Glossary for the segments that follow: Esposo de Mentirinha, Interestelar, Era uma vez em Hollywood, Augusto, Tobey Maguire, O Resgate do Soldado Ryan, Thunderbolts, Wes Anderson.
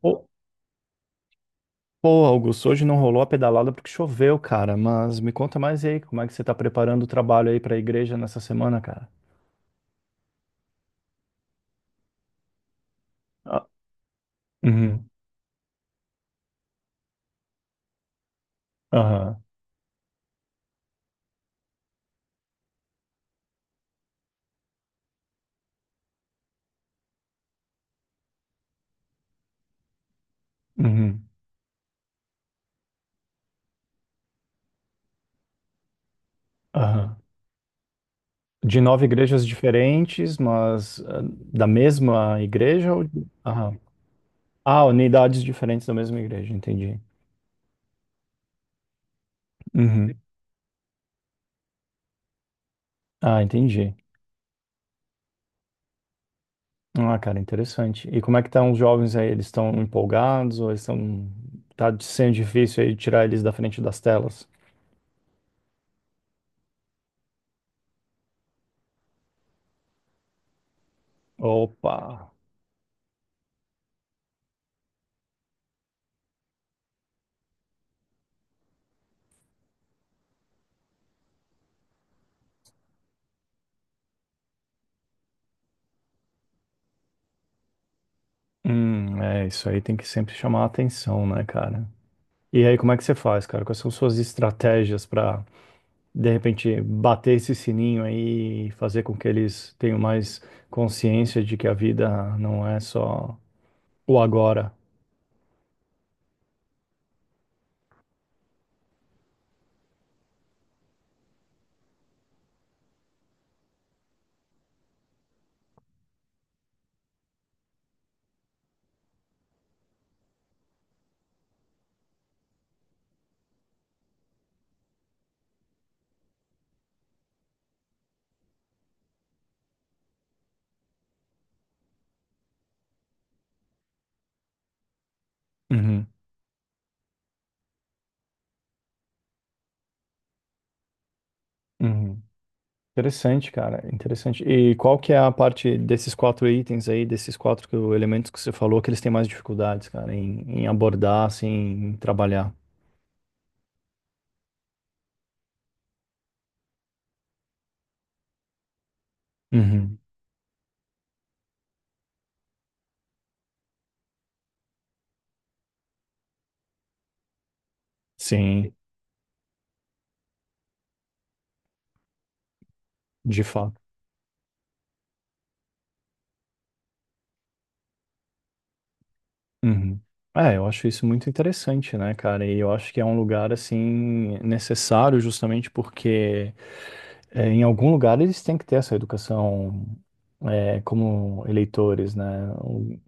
Pô, pô, Augusto, hoje não rolou a pedalada porque choveu, cara. Mas me conta mais aí, como é que você tá preparando o trabalho aí pra igreja nessa semana, cara? Ah. Uhum. Aham. Uhum. Aham. De nove igrejas diferentes, mas da mesma igreja ou... Aham. Ah, unidades diferentes da mesma igreja, entendi. Uhum. Ah, entendi. Ah, cara, interessante. E como é que estão os jovens aí? Eles estão empolgados ou eles estão... Tá sendo difícil aí tirar eles da frente das telas? Opa! É, isso aí tem que sempre chamar a atenção, né, cara? E aí, como é que você faz, cara? Quais são suas estratégias pra de repente bater esse sininho aí e fazer com que eles tenham mais consciência de que a vida não é só o agora? Uhum, uhum. Interessante, cara, interessante. E qual que é a parte desses quatro itens aí, desses quatro elementos que você falou, que eles têm mais dificuldades, cara, em abordar, assim, em trabalhar? Uhum. Sim, de fato. Uhum. É, eu acho isso muito interessante, né, cara? E eu acho que é um lugar, assim, necessário justamente porque é, em algum lugar eles têm que ter essa educação é, como eleitores, né? O-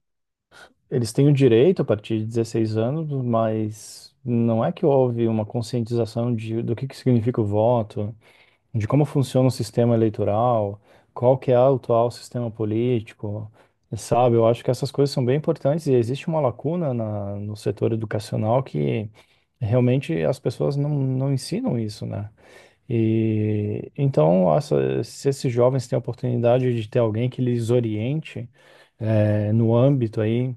Eles têm o direito a partir de 16 anos, mas não é que houve uma conscientização de, do que significa o voto, de como funciona o sistema eleitoral, qual que é o atual sistema político, sabe? Eu acho que essas coisas são bem importantes e existe uma lacuna na, no setor educacional que realmente as pessoas não ensinam isso, né? E então, se esses jovens têm a oportunidade de ter alguém que lhes oriente no âmbito aí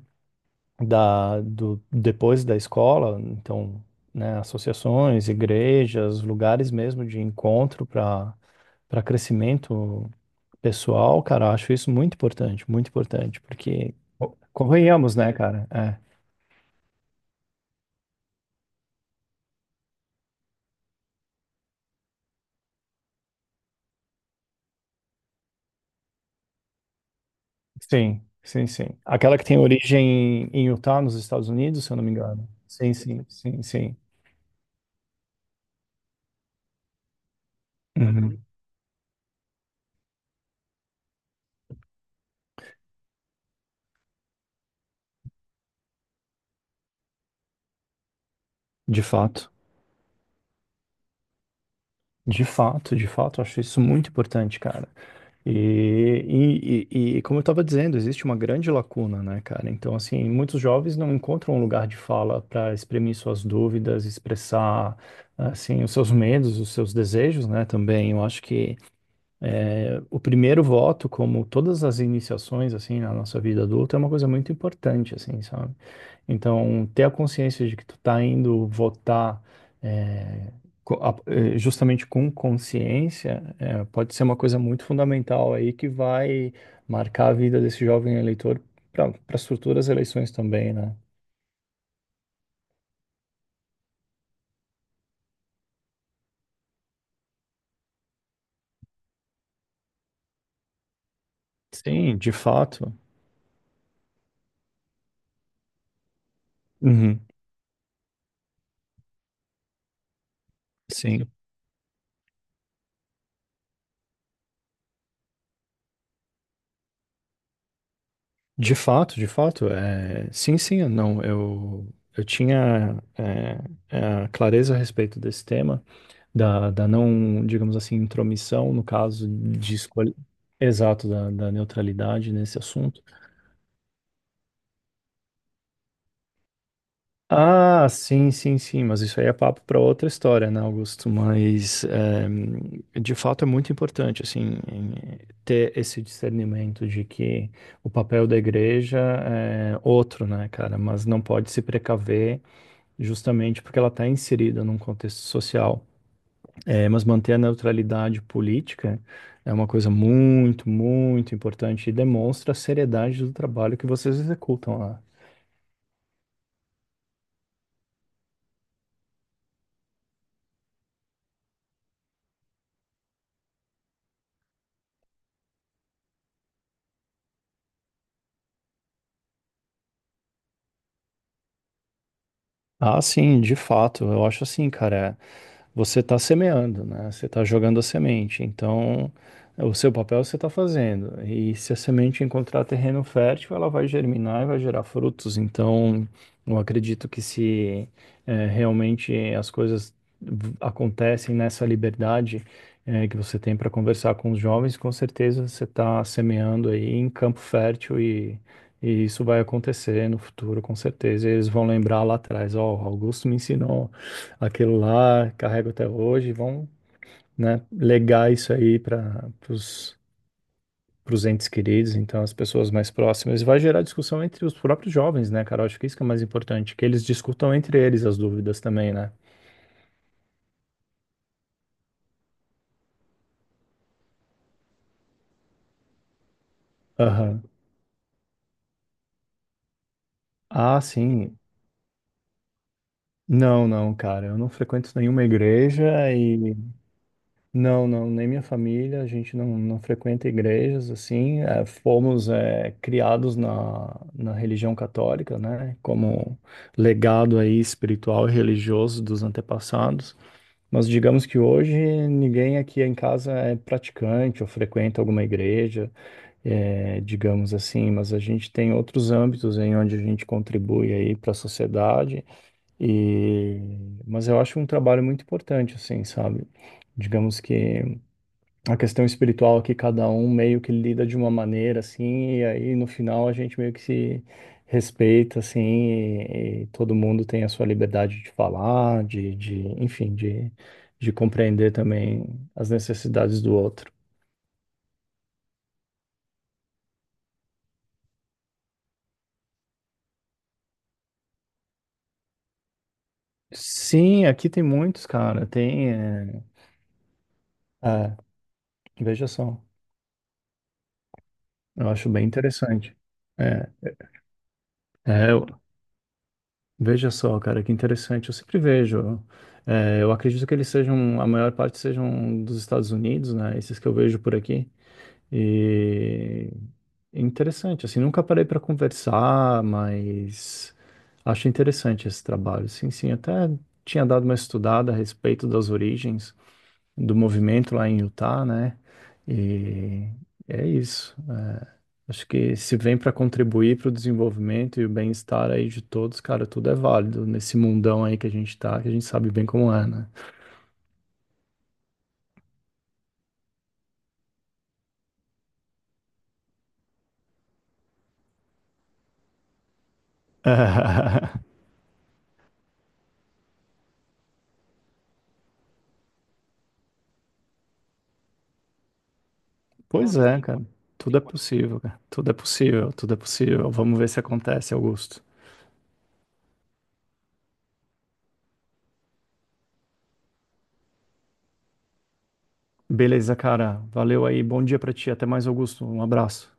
da, do, depois da escola, então, né, associações, igrejas, lugares mesmo de encontro para crescimento pessoal, cara, eu acho isso muito importante, porque convenhamos, né, cara? É. Sim, sim, sim. Aquela que tem origem em Utah, nos Estados Unidos, se eu não me engano. Sim, sim, sim, sim. Uhum. De fato. De fato, de fato, eu acho isso muito importante, cara. E, e, e como eu estava dizendo, existe uma grande lacuna, né, cara? Então, assim, muitos jovens não encontram um lugar de fala para exprimir suas dúvidas, expressar, assim, os seus medos, os seus desejos, né, também. Eu acho que o primeiro voto, como todas as iniciações, assim, na nossa vida adulta, é uma coisa muito importante, assim, sabe? Então, ter a consciência de que tu tá indo votar é, é, justamente com consciência é, pode ser uma coisa muito fundamental aí que vai marcar a vida desse jovem eleitor para as futuras eleições também, né? Sim, de fato. Uhum, sim. De fato, de fato. É... Sim, sim, não. Eu tinha clareza a respeito desse tema. Da, da não, digamos assim, intromissão, no caso de escolha. Exato, da, da neutralidade nesse assunto. Ah, sim, sim, sim, mas isso aí é papo para outra história, né, Augusto? Mas é, de fato é muito importante, assim, ter esse discernimento de que o papel da igreja é outro, né, cara? Mas não pode se precaver justamente porque ela está inserida num contexto social. É, mas manter a neutralidade política é uma coisa muito, muito importante e demonstra a seriedade do trabalho que vocês executam lá. Ah, sim, de fato. Eu acho assim, cara. Você está semeando, né? Você está jogando a semente. Então, o seu papel você está fazendo. E se a semente encontrar terreno fértil, ela vai germinar e vai gerar frutos. Então, eu acredito que se realmente as coisas acontecem nessa liberdade que você tem para conversar com os jovens, com certeza você está semeando aí em campo fértil e isso vai acontecer no futuro, com certeza. E eles vão lembrar lá atrás, ó, o Augusto me ensinou aquilo lá, carrego até hoje. Vão, né, legar isso aí para os entes queridos, então as pessoas mais próximas. E vai gerar discussão entre os próprios jovens, né, cara? Eu acho que isso que é mais importante, que eles discutam entre eles as dúvidas também, né? Aham. Ah, sim. Não, não, cara. Eu não frequento nenhuma igreja e não, nem minha família, a gente não frequenta igrejas, assim, é, fomos é, criados na, na religião católica, né, como legado aí espiritual e religioso dos antepassados, mas digamos que hoje ninguém aqui em casa é praticante ou frequenta alguma igreja, é, digamos assim, mas a gente tem outros âmbitos em onde a gente contribui aí para a sociedade, e, mas eu acho um trabalho muito importante, assim, sabe? Digamos que a questão espiritual que cada um meio que lida de uma maneira, assim, e aí no final a gente meio que se respeita, assim, e todo mundo tem a sua liberdade de falar, de, enfim, de compreender também as necessidades do outro. Sim, aqui tem muitos, cara, tem, é, é, veja só, eu acho bem interessante. É, é, veja só, cara, que interessante. Eu sempre vejo. Eu acredito que eles sejam, a maior parte sejam dos Estados Unidos, né? Esses que eu vejo por aqui. E é interessante, assim, nunca parei para conversar, mas acho interessante esse trabalho. Sim, sim, até tinha dado uma estudada a respeito das origens do movimento lá em Utah, né? E é isso. É. Acho que se vem para contribuir para o desenvolvimento e o bem-estar aí de todos, cara, tudo é válido nesse mundão aí que a gente tá, que a gente sabe bem como é, né? Pois é, cara. Tudo é possível, cara. Tudo é possível, tudo é possível. Vamos ver se acontece, Augusto. Beleza, cara. Valeu aí. Bom dia pra ti. Até mais, Augusto. Um abraço.